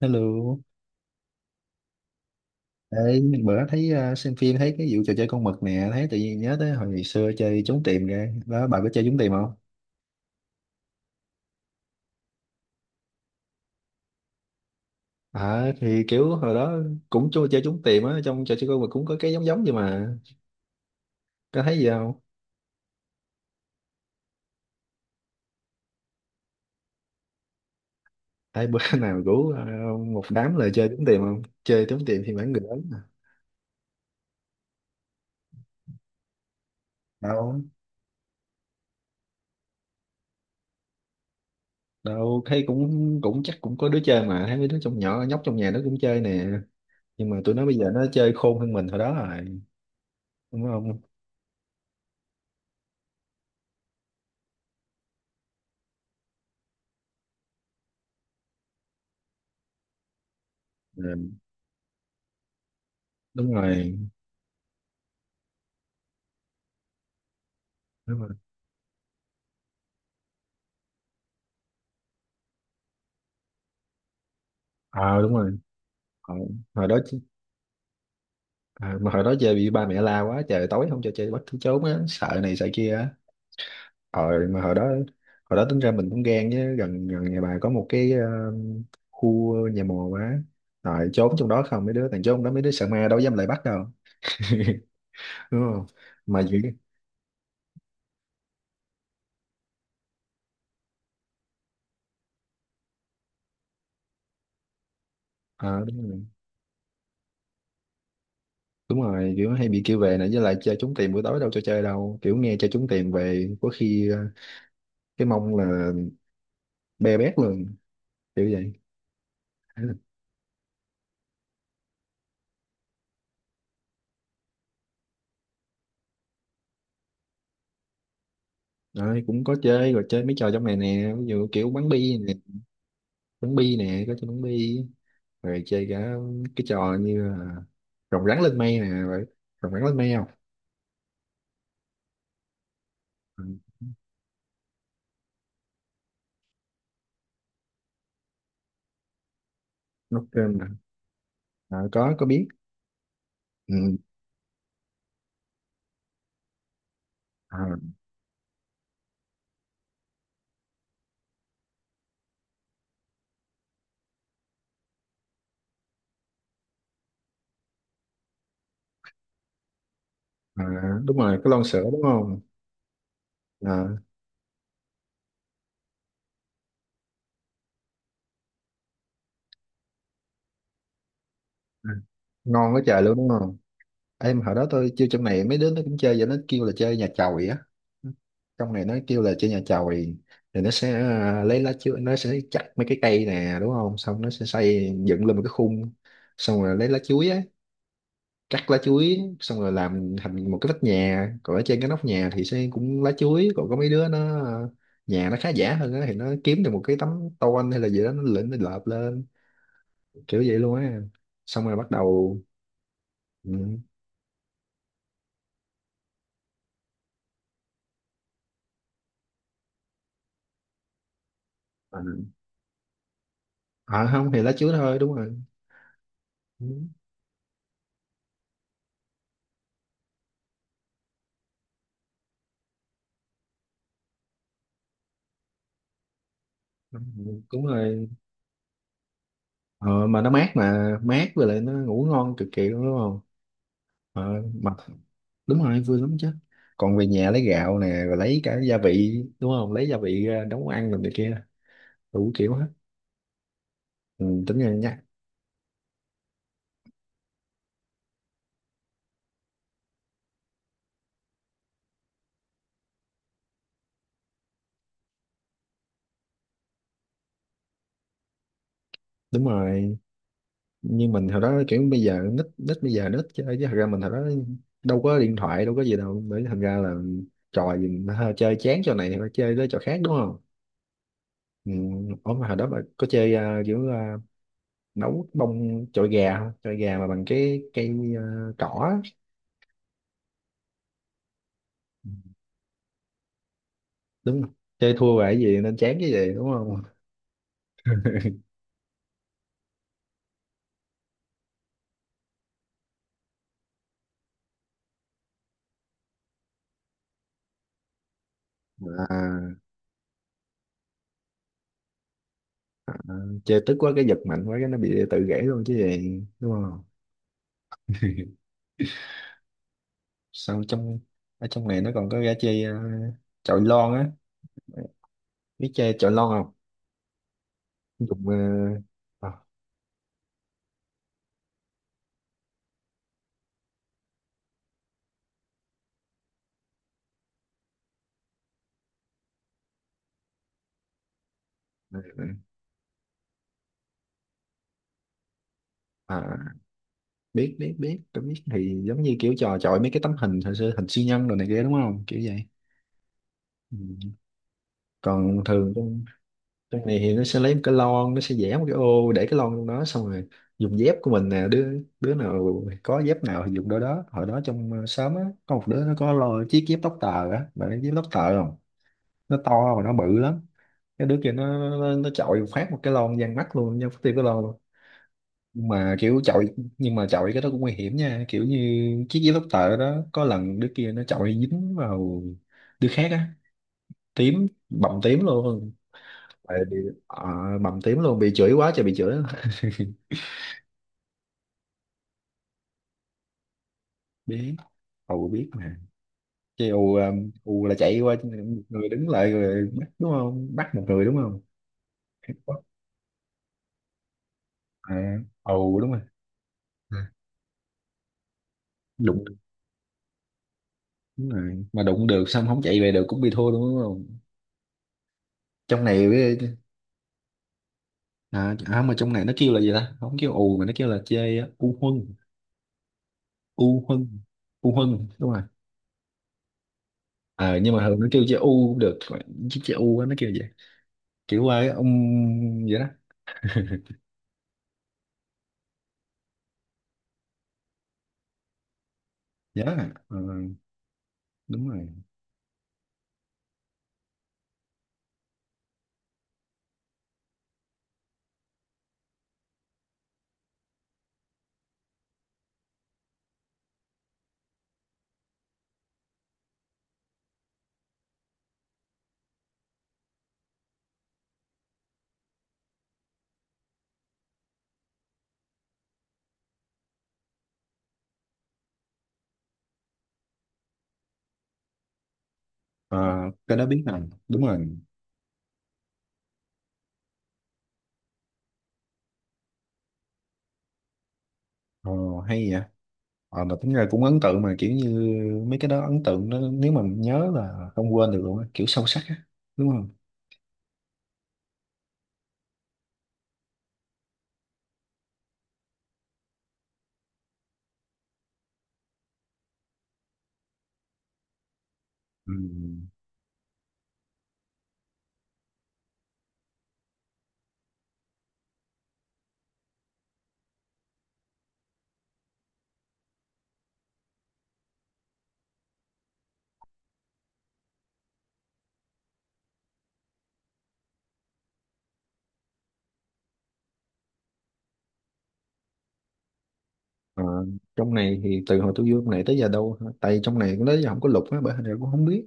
Hello, ê, bữa thấy xem phim thấy cái vụ trò chơi con mực nè, thấy tự nhiên nhớ tới hồi ngày xưa chơi trốn tìm ra. Đó, bà có chơi trốn tìm không? À, thì kiểu hồi đó cũng chơi chơi trốn tìm á, trong trò chơi con mực cũng có cái giống giống vậy mà. Có thấy gì không? Ai bữa nào rủ một đám lời chơi trốn tìm không? Chơi trốn tìm thì bán người lớn mà. Đâu, đâu, thấy cũng cũng chắc cũng có đứa chơi mà, thấy mấy đứa trong nhỏ nhóc trong nhà nó cũng chơi nè. Nhưng mà tụi nó bây giờ nó chơi khôn hơn mình hồi đó rồi, đúng không? Ừ, đúng rồi. Đúng rồi. Ờ, đúng rồi. Ờ, hồi đó chứ- ờ, mà hồi đó chơi bị ba mẹ la quá trời, tối không cho chơi, bắt cứ trốn á, sợ này sợ kia á. Ờ mà hồi đó tính ra mình cũng gan chứ, gần gần nhà bà có một cái khu nhà mồ quá, rồi trốn trong đó. Không mấy đứa thằng trốn trong đó, mấy đứa sợ ma đâu dám lại bắt đâu. Đúng không? Mà kiểu, ờ, đúng rồi. Đúng rồi, kiểu hay bị kêu về này, với lại chơi trốn tìm buổi tối đâu cho chơi đâu, kiểu nghe chơi trốn tìm về có khi cái mông là be bét luôn, kiểu vậy. Đấy, cũng có chơi rồi, chơi mấy trò trong này nè, ví dụ kiểu bắn bi nè có chơi bắn bi, rồi chơi cả cái trò như là rồng rắn lên mây nè, vậy rồng rắn lên mây không? Ừ, nút trên nè. Có biết. Ừ. à, à, đúng rồi, cái lon sữa đúng không? À, à, ngon quá trời luôn, đúng không? Em hồi đó tôi chơi trong này, mấy đứa nó cũng chơi và nó kêu là chơi nhà chòi á. Trong này nó kêu là chơi nhà chòi. Thì nó sẽ lấy lá chuối, nó sẽ chặt mấy cái cây nè, đúng không, xong nó sẽ xây dựng lên một cái khung. Xong rồi lấy lá chuối á, cắt lá chuối xong rồi làm thành một cái vách nhà, còn ở trên cái nóc nhà thì sẽ cũng lá chuối. Còn có mấy đứa nó nhà nó khá giả hơn á thì nó kiếm được một cái tấm tôn hay là gì đó, nó lên nó lợp lên, kiểu vậy luôn á. Xong rồi bắt đầu. Ừ. Không thì lá chuối thôi, đúng rồi. Đúng, đúng, đúng rồi. Ờ, mà nó mát, mà mát với lại nó ngủ ngon cực kỳ luôn, đúng không? Ờ, mà đúng rồi, vui lắm chứ. Còn về nhà lấy gạo nè, rồi lấy cả gia vị đúng không, lấy gia vị ra nấu ăn rồi này kia, đủ kiểu hết. Ừ, tính ra nhá. Đúng rồi, nhưng mình hồi đó kiểu bây giờ nít, nít bây giờ nít chơi chứ thật ra mình hồi đó đâu có điện thoại, đâu có gì đâu, bởi thành ra là trò gì mà hơi chơi chán trò này thì phải chơi tới trò khác, đúng không. Ừ. Ủa mà hồi đó bà có chơi kiểu nấu bông chọi gà không, chọi gà mà bằng cái cây cỏ á? Đúng không? Chơi thua về cái gì nên chán cái gì, đúng không? à, à, Chơi tức quá cái giật mạnh quá cái nó bị tự gãy luôn chứ gì, đúng không? Sau trong ở trong này nó còn có gã chơi chọi lon á, biết chơi chọi lon không? Dùng à, à, biết biết biết, tôi biết thì giống như kiểu trò chọi mấy cái tấm hình hồi xưa, hình siêu nhân đồ này kia, đúng không, kiểu vậy. Ừ. Còn thường trong này thì nó sẽ lấy một cái lon, nó sẽ vẽ một cái ô để cái lon trong đó, xong rồi dùng dép của mình nè, đứa đứa nào có dép nào thì dùng đôi đó. Hồi đó trong xóm á có một đứa nó có lo chiếc dép tóc tờ á, bạn biết dép tóc tờ không? Nó to mà nó bự lắm. Cái đứa kia nó chọi phát một cái lon giang mắt luôn nha, tiêu cái lon luôn. Nhưng mà kiểu chọi, nhưng mà chọi cái đó cũng nguy hiểm nha, kiểu như chiếc dép tóc tờ đó có lần đứa kia nó chọi dính vào đứa khác á, tím, bầm tím luôn. Tại bị ờ, bầm tím luôn, bị chửi quá trời, bị chửi. Biết. Ù biết mà, chứ ù ù là chạy qua một người đứng lại rồi bắt đúng không, bắt một người, đúng không? à, Ù đúng rồi. Ừ, đụng đúng rồi, mà đụng được xong không chạy về được cũng bị thua luôn, đúng không? Trong này với. À mà trong này nó kêu là gì ta, không kêu ù mà nó kêu là chơi á, u huân, u huân u huân, đúng rồi. Ờ nhưng mà thường nó kêu chơi u cũng được, chứ chơi u á, nó kêu vậy, kiểu ai ông vậy đó, nhớ à? Ờ, đúng rồi. Ờ, cái đó biết nè, đúng rồi. Ờ, hay vậy. Ờ, mà tính ra cũng ấn tượng, mà kiểu như mấy cái đó ấn tượng đó, nếu mà nhớ là không quên được luôn á, kiểu sâu sắc á, đúng không. Ừ. Ờ, trong này thì từ hồi tôi vô trong này tới giờ đâu hả? Tại trong này cũng tới giờ không có lục á, bởi hình ra cũng không biết,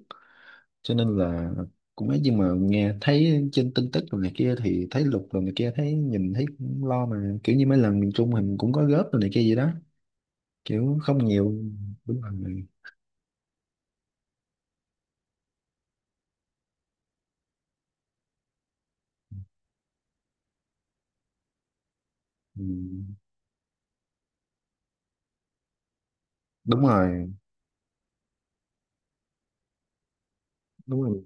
cho nên là cũng ấy, nhưng mà nghe thấy trên tin tức rồi này kia thì thấy lục rồi này kia, thấy nhìn thấy cũng lo mà, kiểu như mấy lần miền Trung mình cũng có góp rồi này kia gì đó, kiểu không nhiều. Đúng rồi. Ừ. Đúng rồi. Đúng rồi.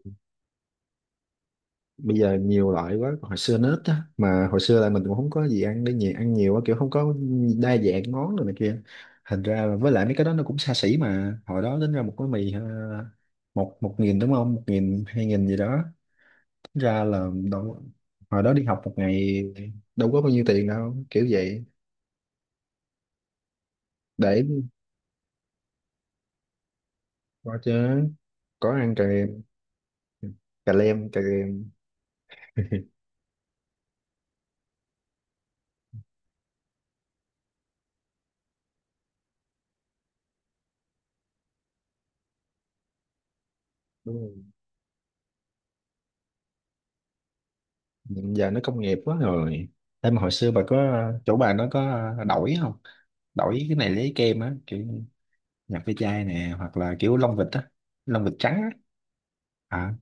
Bây giờ nhiều loại quá, còn hồi xưa nó ít á, mà hồi xưa là mình cũng không có gì ăn để nhẹ, ăn nhiều á, kiểu không có đa dạng món rồi này kia, thành ra là với lại mấy cái đó nó cũng xa xỉ, mà hồi đó tính ra một cái mì một một nghìn đúng không, 1.000 2.000 gì đó, tính ra là đâu, hồi đó đi học một ngày đâu có bao nhiêu tiền đâu, kiểu vậy. Để coi chứ, có ăn cà cà lem cà lem, Giờ nó công nghiệp quá rồi. Em mà hồi xưa bà có chỗ bà nó có đổi không, đổi cái này lấy kem á, kiểu nhập ve chai nè hoặc là kiểu lông vịt á, lông vịt trắng á. à,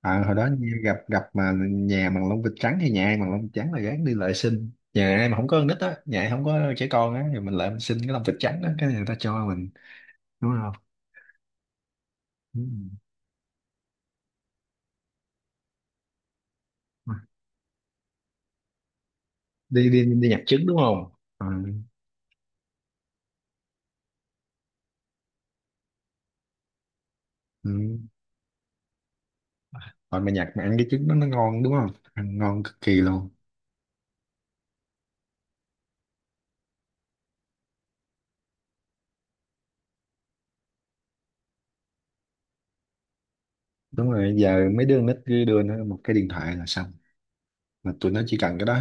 Hồi đó như gặp gặp mà nhà bằng lông vịt trắng thì nhà ai bằng lông vịt trắng là gán đi lại xin, nhà ai mà không có con nít á, nhà ai không có trẻ con á thì mình lại mình xin cái lông vịt trắng á, cái này người ta cho mình, đúng không. Ừ. đi đi đi nhặt trứng đúng không? Ừ. Ừ. Rồi mà nhặt mà ăn cái trứng đó nó ngon, đúng không? Ăn ngon cực kỳ luôn. Đúng rồi, giờ mấy đứa con nít cứ đưa nó một cái điện thoại là xong, mà tụi nó chỉ cần cái đó.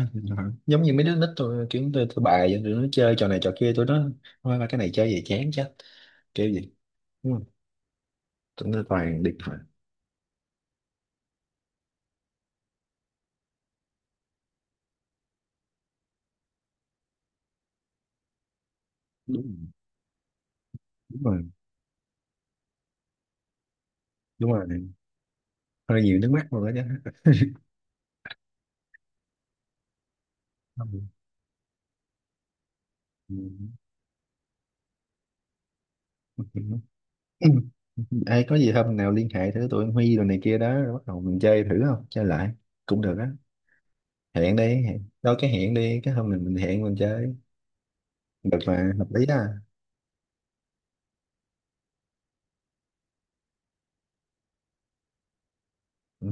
Giống như mấy đứa nít tôi kiểu tôi tụi bài vậy, tụi nó chơi trò này trò kia, tụi nó thôi mà cái này chơi về chán chết, kiểu gì đúng không, tụi nó toàn điện thoại. Đúng rồi. Đúng rồi. Đúng rồi, hơi nhiều nước mắt rồi đó chứ. Ừ. Ừ. Ai có gì hôm nào liên hệ thử tụi anh Huy rồi này kia đó, rồi bắt đầu mình chơi thử, không chơi lại cũng được á, hẹn đi hẹn. Đâu, cái hẹn đi, cái hôm này mình hẹn mình chơi được mà, hợp lý đó. Ừ.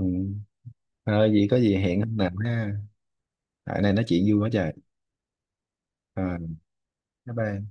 Ờ, gì có gì hẹn hôm nào ha. Tại này nói chuyện vui quá trời. Ờ, bye bye.